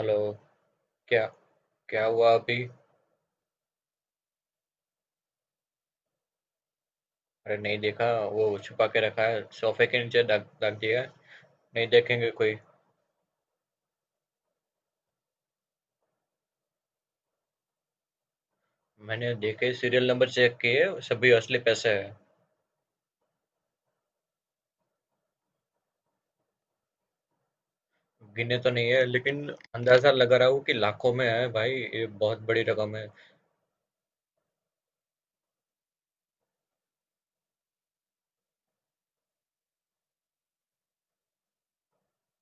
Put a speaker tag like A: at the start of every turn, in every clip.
A: Hello. क्या? क्या हुआ अभी? अरे नहीं देखा। वो छुपा के रखा है, सोफे के नीचे रख रख दिया है। नहीं देखेंगे कोई। मैंने देखे, सीरियल नंबर चेक किए, सभी असली पैसे हैं। गिने तो नहीं है लेकिन अंदाजा लगा रहा हूँ कि लाखों में है भाई, ये बहुत बड़ी रकम है।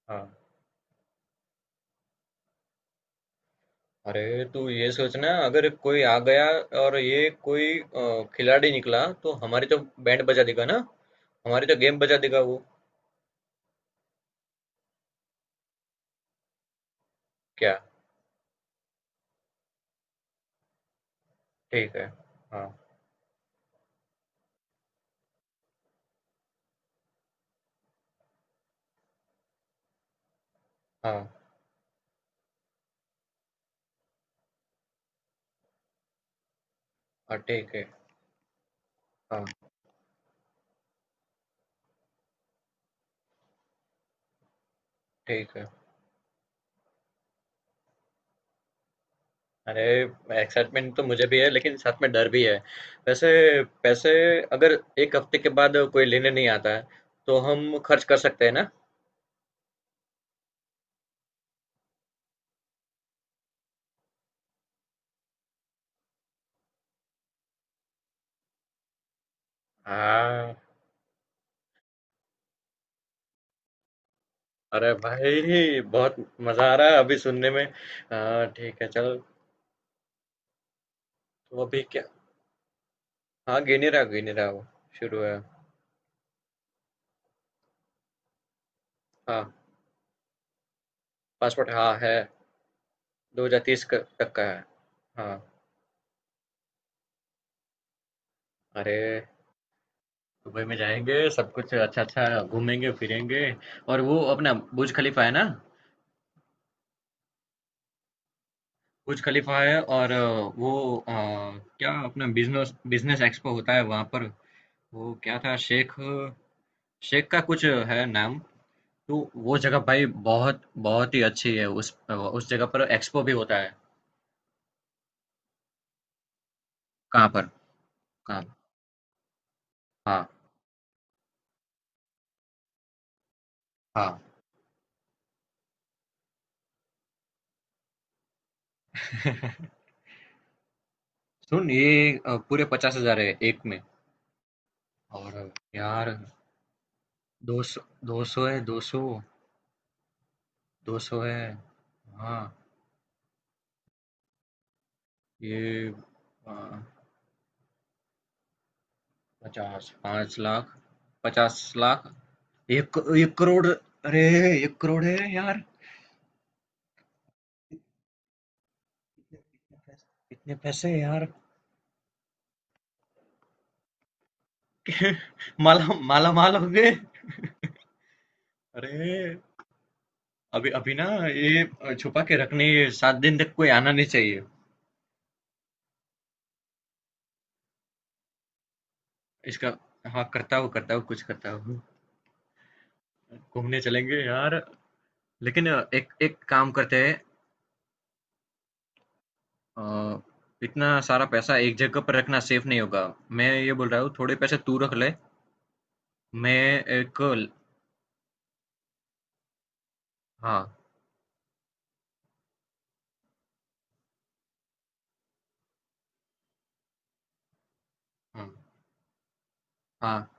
A: हाँ, अरे तू ये सोचना, अगर कोई आ गया और ये कोई खिलाड़ी निकला तो हमारी तो बैंड बजा देगा ना। हमारी तो गेम बजा देगा वो। क्या? ठीक है। हाँ। हाँ। हाँ ठीक है। हाँ ठीक है। अरे एक्साइटमेंट तो मुझे भी है लेकिन साथ में डर भी है। वैसे पैसे अगर एक हफ्ते के बाद कोई लेने नहीं आता है तो हम खर्च कर सकते हैं ना। हाँ, अरे भाई बहुत मजा आ रहा है अभी सुनने में। हाँ ठीक है, चल। तो अभी क्या? हाँ, गिनी रहा वो, शुरू है। हाँ, पासपोर्ट हाँ है, दो हजार तीस तक का है। हाँ, अरे दुबई में जाएंगे, सब कुछ अच्छा अच्छा घूमेंगे फिरेंगे। और वो अपना बुर्ज खलीफा है ना। बुर्ज खलीफा है और वो अ, क्या अपना बिजनेस बिजनेस एक्सपो होता है वहां पर। वो क्या था, शेख, शेख का कुछ है नाम। तो वो जगह भाई बहुत बहुत ही अच्छी है, उस जगह पर एक्सपो भी होता है। कहाँ पर? कहाँ? हाँ। हाँ। सुन ये, पूरे पचास हजार है एक में। और यार दो सौ, दो सौ है, दो सौ। दो सौ है। हाँ। ये पचास, पाँच लाख, पचास लाख, एक करोड़। अरे एक करोड़ है यार। इतने पैसे हैं यार। माला माला माल हो गए। अरे अभी अभी ना ये छुपा के रखने, ये सात दिन तक कोई आना नहीं चाहिए इसका। हाँ करता हूँ, करता हूँ कुछ करता हूँ। घूमने चलेंगे यार, लेकिन एक एक काम करते हैं। अ, इतना सारा पैसा एक जगह पर रखना सेफ नहीं होगा। मैं ये बोल रहा हूँ थोड़े पैसे तू रख ले। मैं एक। हाँ। हाँ। हाँ।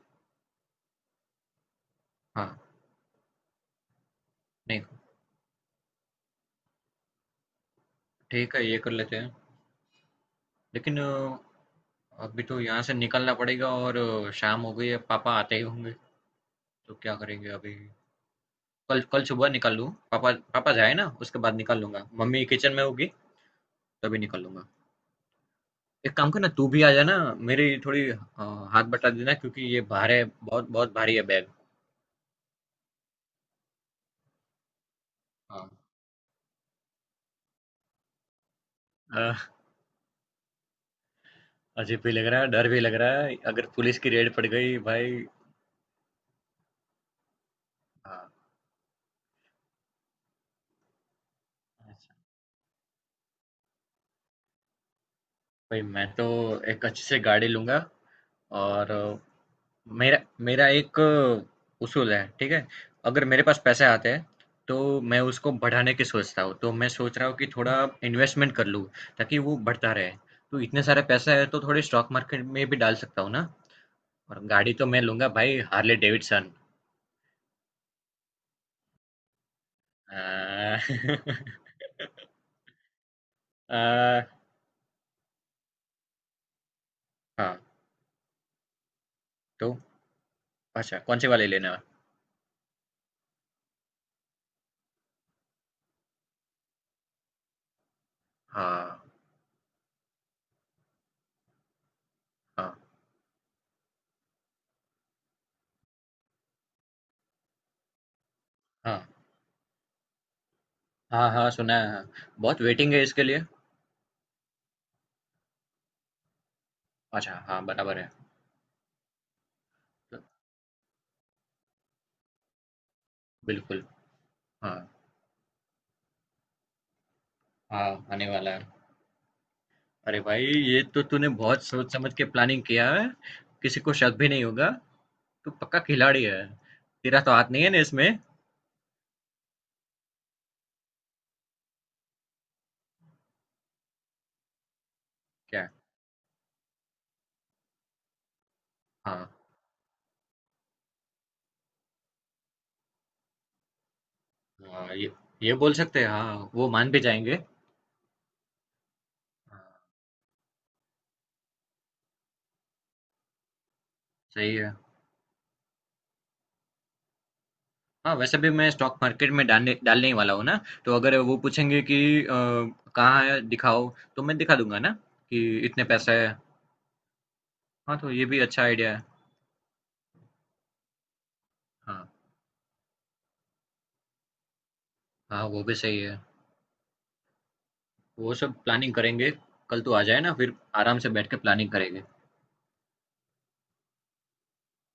A: हाँ। नहीं। ठीक है ये कर लेते हैं, लेकिन अभी तो यहाँ से निकलना पड़ेगा और शाम हो गई है, पापा आते ही होंगे। तो क्या करेंगे अभी? कल कल सुबह निकल लूँ, पापा पापा जाए ना उसके बाद निकल लूंगा, मम्मी किचन में होगी तभी निकल लूंगा। एक काम करना, तू भी आ जाना। मेरी थोड़ी हाथ बटा देना, क्योंकि ये भार है, बहुत बहुत भारी है बैग। हाँ, अ, अजीब भी लग रहा है, डर भी लग रहा है, अगर पुलिस की रेड पड़ गई भाई। हाँ, भाई मैं तो एक अच्छे से गाड़ी लूँगा। और मेरा मेरा एक उसूल है, ठीक है? अगर मेरे पास पैसे आते हैं तो मैं उसको बढ़ाने की सोचता हूँ। तो मैं सोच रहा हूँ कि थोड़ा इन्वेस्टमेंट कर लूँ ताकि वो बढ़ता रहे। तो इतने सारे पैसे हैं तो थोड़े स्टॉक मार्केट में भी डाल सकता हूँ ना? और गाड़ी तो मैं लूँगा भाई, हार्ले डेविडसन। अ, अ, हाँ, तो अच्छा कौन से वाले लेना है? हाँ, हाँ, हाँ। हाँ, हाँ, सुना है, हाँ। बहुत वेटिंग है इसके लिए? अच्छा, हाँ, बराबर है। बिल्कुल, हाँ, हाँ, आने वाला है। अरे भाई, ये तो तूने बहुत सोच समझ के प्लानिंग किया है। किसी को शक भी नहीं होगा। तू पक्का खिलाड़ी है। तेरा तो हाथ नहीं है ना इसमें? क्या? हाँ, हाँ, ये बोल सकते हैं, हाँ, वो मान भी जाएंगे। सही है। हाँ, वैसे भी मैं स्टॉक मार्केट में डालने डालने ही वाला हूँ ना, तो अगर वो पूछेंगे कि अ, कहाँ है, दिखाओ, तो मैं दिखा दूंगा ना कि इतने पैसे हैं। हाँ, तो ये भी अच्छा आइडिया है। हाँ, हाँ, वो भी सही है। वो सब प्लानिंग करेंगे। कल तू आ जाए ना, फिर आराम से बैठ के प्लानिंग करेंगे।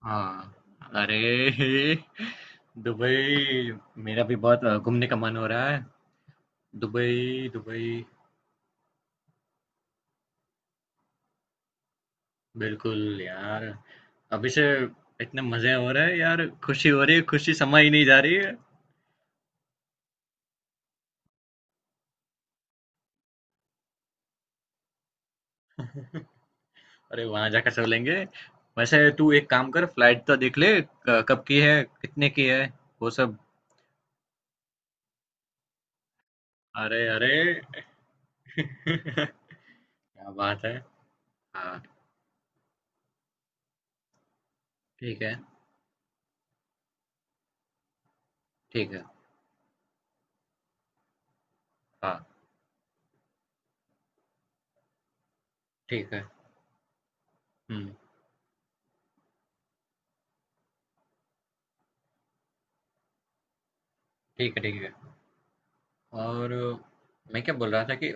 A: हाँ, अरे दुबई, मेरा भी बहुत घूमने का मन हो रहा है। दुबई दुबई बिल्कुल यार। अभी से इतने मजे हो रहे हैं यार, खुशी हो रही है, खुशी समा ही नहीं जा रही है। अरे वहां जाकर सो लेंगे। वैसे तू एक काम कर, फ्लाइट तो देख ले, कब की है, कितने की है, वो सब। अरे अरे क्या बात है? हाँ ठीक है, ठीक है। हाँ, ठीक है। हुँ, ठीक है, ठीक है। और मैं क्या बोल रहा था कि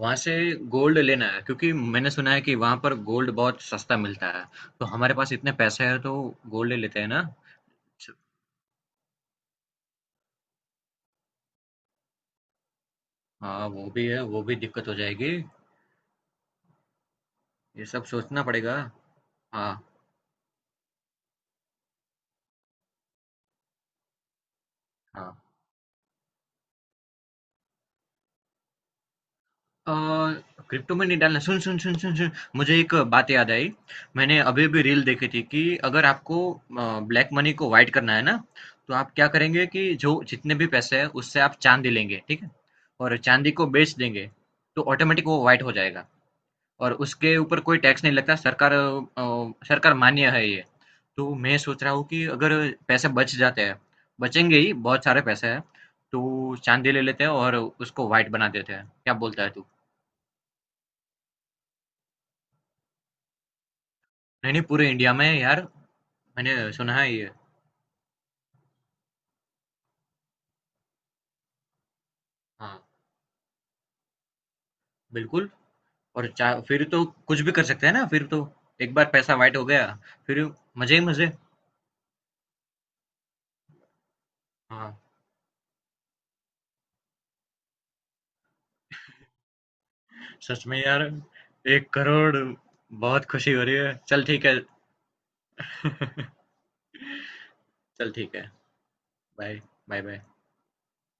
A: वहाँ से गोल्ड लेना है, क्योंकि मैंने सुना है कि वहाँ पर गोल्ड बहुत सस्ता मिलता है। तो हमारे पास इतने पैसे हैं तो गोल्ड ले लेते हैं ना? च हाँ, वो भी है, वो भी दिक्कत हो जाएगी। ये सब सोचना पड़ेगा। हाँ, हाँ। अ, क्रिप्टो में नहीं डालना। सुन सुन सुन सुन सुन, मुझे एक बात याद आई। मैंने अभी अभी रील देखी थी कि अगर आपको ब्लैक मनी को वाइट करना है ना, तो आप क्या करेंगे कि जो जितने भी पैसे हैं उससे आप चांदी लेंगे, ठीक है, और चांदी को बेच देंगे, तो ऑटोमेटिक वो वाइट हो जाएगा। और उसके ऊपर कोई टैक्स नहीं लगता, सरकार सरकार मान्य है ये। तो मैं सोच रहा हूँ कि अगर पैसे बच जाते हैं, बचेंगे ही, बहुत सारे पैसे हैं, तो चांदी ले लेते हैं और उसको वाइट बना देते हैं। क्या बोलता है तू? नहीं, नहीं, पूरे इंडिया में यार, मैंने सुना है ये। हाँ, बिल्कुल। और चा फिर तो कुछ भी कर सकते हैं ना, फिर तो। एक बार पैसा व्हाइट हो गया, फिर मज़े ही मज़े। हाँ, सच में यार, 1 करोड़, बहुत खुशी हो रही है। चल ठीक है। चल ठीक है। Bye, bye-bye.